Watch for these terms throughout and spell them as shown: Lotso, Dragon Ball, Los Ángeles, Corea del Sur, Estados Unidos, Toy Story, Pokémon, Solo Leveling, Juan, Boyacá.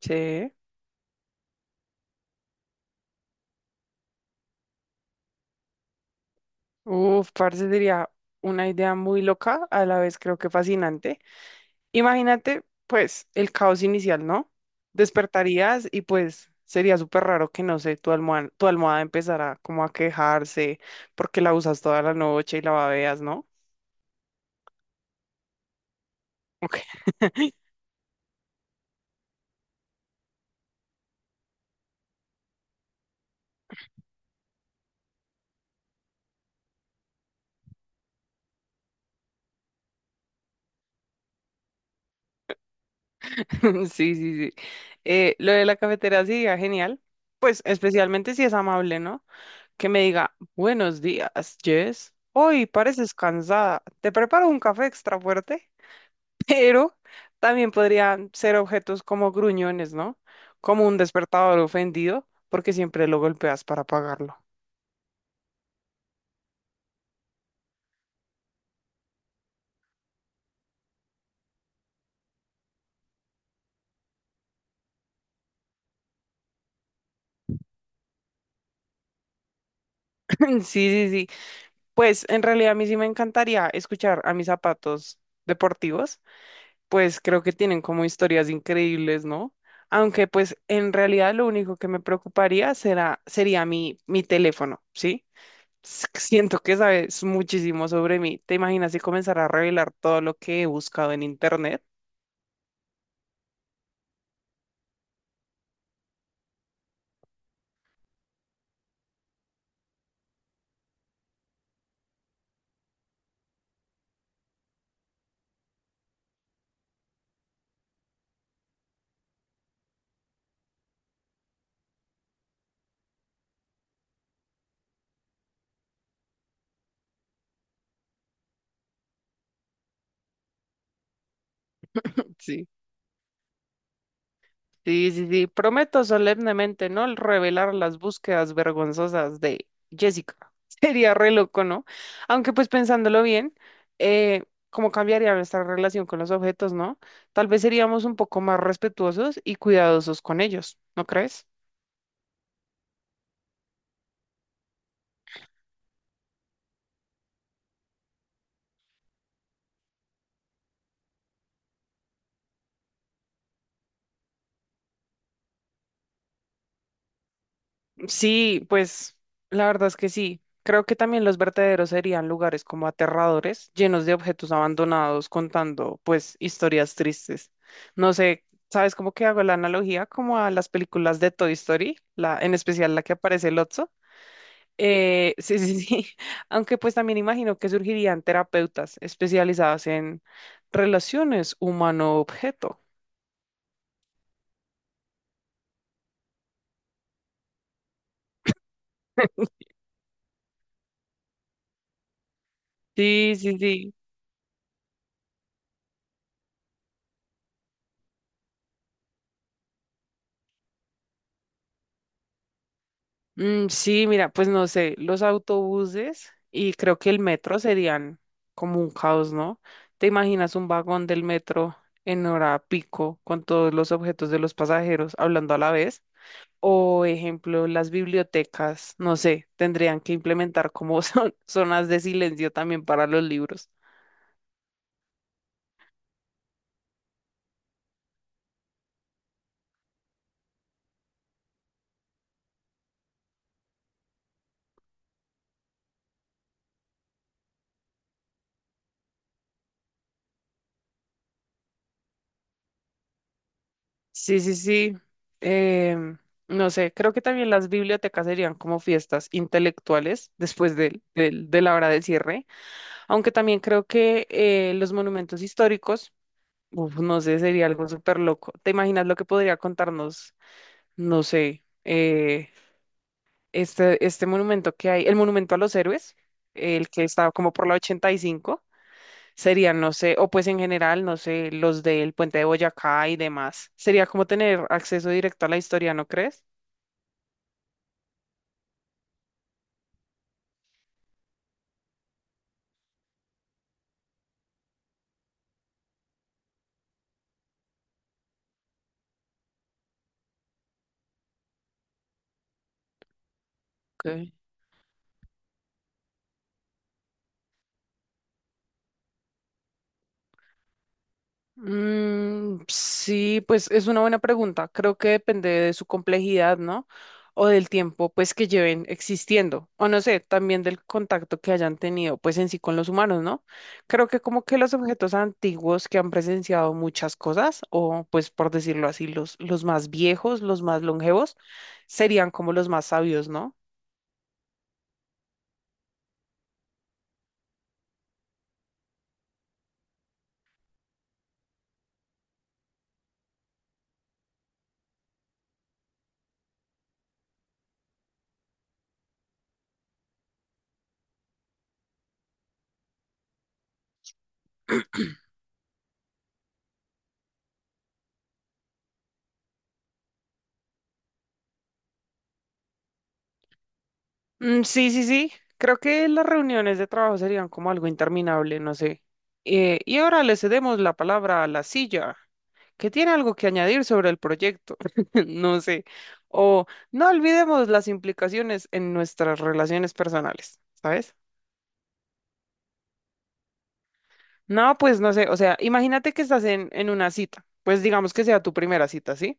Sí. Uf, parce, sería una idea muy loca, a la vez creo que fascinante. Imagínate, pues, el caos inicial, ¿no? Despertarías y pues sería súper raro que, no sé, tu almohada empezara como a quejarse porque la usas toda la noche y la babeas, ¿no? Ok, sí, sí, sí. Lo de la cafetera sería genial, pues especialmente si es amable, ¿no? Que me diga, buenos días, Jess. Hoy pareces cansada. ¿Te preparo un café extra fuerte? Pero también podrían ser objetos como gruñones, ¿no? Como un despertador ofendido, porque siempre lo golpeas para apagarlo. Sí, sí, sí. Pues en realidad a mí sí me encantaría escuchar a mis zapatos deportivos, pues creo que tienen como historias increíbles, ¿no? Aunque pues en realidad lo único que me preocuparía sería mi teléfono, ¿sí? Siento que sabes muchísimo sobre mí. ¿Te imaginas si comenzara a revelar todo lo que he buscado en internet? Sí, sí, sí. Prometo solemnemente no revelar las búsquedas vergonzosas de Jessica. Sería re loco, ¿no? Aunque pues pensándolo bien, eh, cómo cambiaría nuestra relación con los objetos, ¿no? Tal vez seríamos un poco más respetuosos y cuidadosos con ellos, ¿no crees? Sí, pues la verdad es que sí. Creo que también los vertederos serían lugares como aterradores, llenos de objetos abandonados, contando pues historias tristes. No sé, ¿sabes cómo que hago la analogía? Como a las películas de Toy Story, la, en especial la que aparece Lotso. Sí, sí, sí. Aunque pues también imagino que surgirían terapeutas especializadas en relaciones humano-objeto. Sí, sí, sí. Mm, sí, mira, pues no sé, los autobuses y creo que el metro serían como un caos, ¿no? ¿Te imaginas un vagón del metro en hora pico con todos los objetos de los pasajeros hablando a la vez? O, ejemplo, las bibliotecas, no sé, tendrían que implementar como son zonas de silencio también para los libros. Sí, sí, sí. em, no sé, creo que también las bibliotecas serían como fiestas intelectuales después de la hora del cierre. Aunque también creo que los monumentos históricos, uf, no sé, sería algo súper loco. ¿Te imaginas lo que podría contarnos, no sé, este monumento que hay, el monumento a los héroes, el que está como por la 85, sería, no sé, o pues en general, no sé, los del puente de Boyacá y demás? Sería como tener acceso directo a la historia, ¿no crees? Ok. Mm, sí, pues es una buena pregunta. Creo que depende de su complejidad, ¿no? O del tiempo, pues, que lleven existiendo. O no sé, también del contacto que hayan tenido, pues, en sí con los humanos, ¿no? Creo que como que los objetos antiguos que han presenciado muchas cosas, o pues, por decirlo así, los más viejos, los más longevos, serían como los más sabios, ¿no? Mm, sí, sí, sí. Creo que las reuniones de trabajo serían como algo interminable, no sé. Y ahora le cedemos la palabra a la silla, que tiene algo que añadir sobre el proyecto, no sé. O no olvidemos las implicaciones en nuestras relaciones personales, ¿sabes? No, pues no sé, o sea, imagínate que estás en una cita, pues digamos que sea tu primera cita, ¿sí?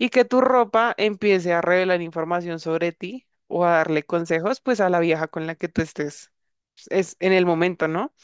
Y que tu ropa empiece a revelar información sobre ti o a darle consejos pues a la vieja con la que tú estés es en el momento, ¿no?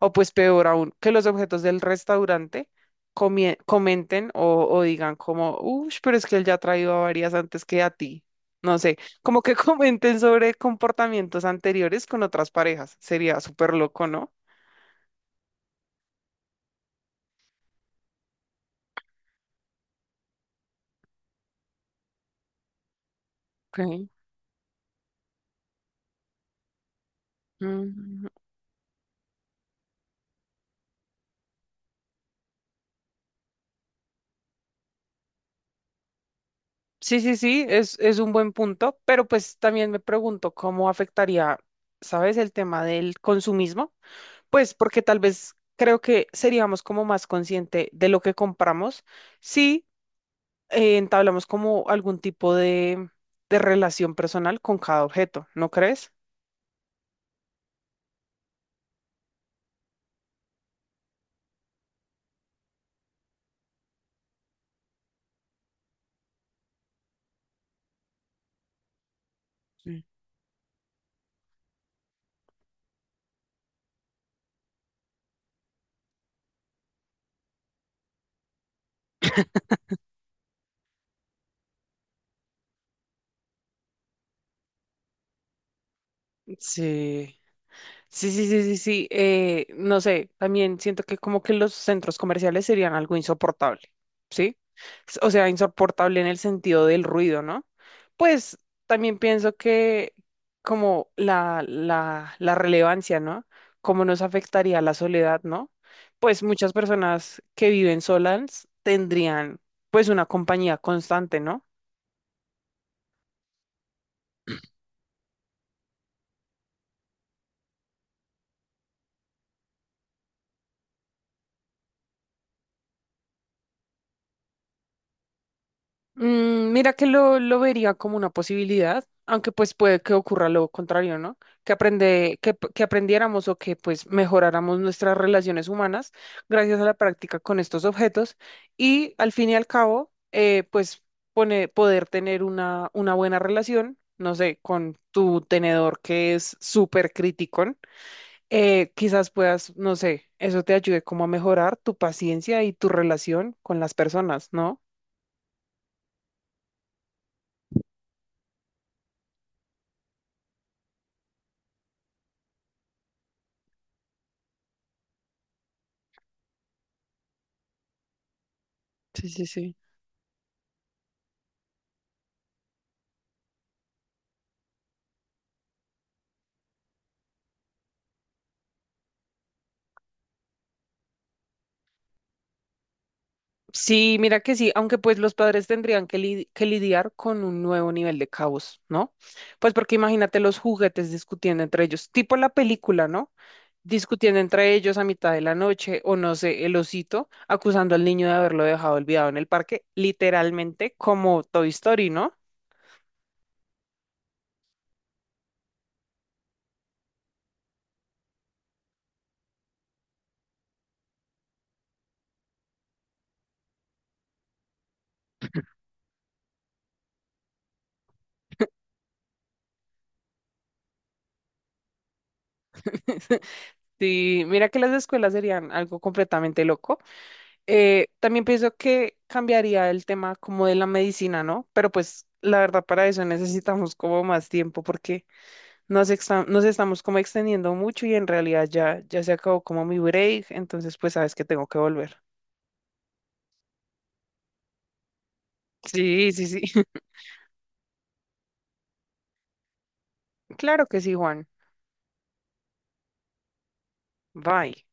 O pues peor aún, que los objetos del restaurante comenten o digan como, uff, pero es que él ya ha traído a varias antes que a ti. No sé, como que comenten sobre comportamientos anteriores con otras parejas. Sería súper loco, ¿no? Ok. Sí, sí, sí, es un buen punto, pero pues también me pregunto cómo afectaría, ¿sabes?, el tema del consumismo, pues porque tal vez creo que seríamos como más consciente de lo que compramos si entablamos como algún tipo de relación personal con cada objeto, ¿no crees? Mm. Sí. Sí, sí, sí, sí, sí. No sé, también siento que como que los centros comerciales serían algo insoportable, ¿sí? O sea, insoportable en el sentido del ruido, ¿no? Pues también pienso que como la relevancia, ¿no? Cómo nos afectaría la soledad, ¿no? Pues muchas personas que viven solas tendrían pues una compañía constante, ¿no? Mm, mira que lo vería como una posibilidad, aunque pues puede que ocurra lo contrario, ¿no? Que aprendiéramos o que pues mejoráramos nuestras relaciones humanas gracias a la práctica con estos objetos, y al fin y al cabo, pues poder tener una buena relación, no sé, con tu tenedor que es súper criticón, quizás puedas, no sé, eso te ayude como a mejorar tu paciencia y tu relación con las personas, ¿no? Sí, sí, sí. Sí, mira que sí, aunque pues los padres tendrían que lidiar con un nuevo nivel de caos, ¿no? Pues porque imagínate los juguetes discutiendo entre ellos, tipo la película, ¿no? Discutiendo entre ellos a mitad de la noche, o no sé, el osito acusando al niño de haberlo dejado olvidado en el parque, literalmente como Toy Story, ¿no? Sí, mira que las escuelas serían algo completamente loco. También pienso que cambiaría el tema como de la medicina, ¿no? Pero pues la verdad para eso necesitamos como más tiempo porque nos estamos como extendiendo mucho y en realidad ya se acabó como mi break, entonces pues sabes que tengo que volver. Sí, sí, sí. Claro que sí, Juan. Bye.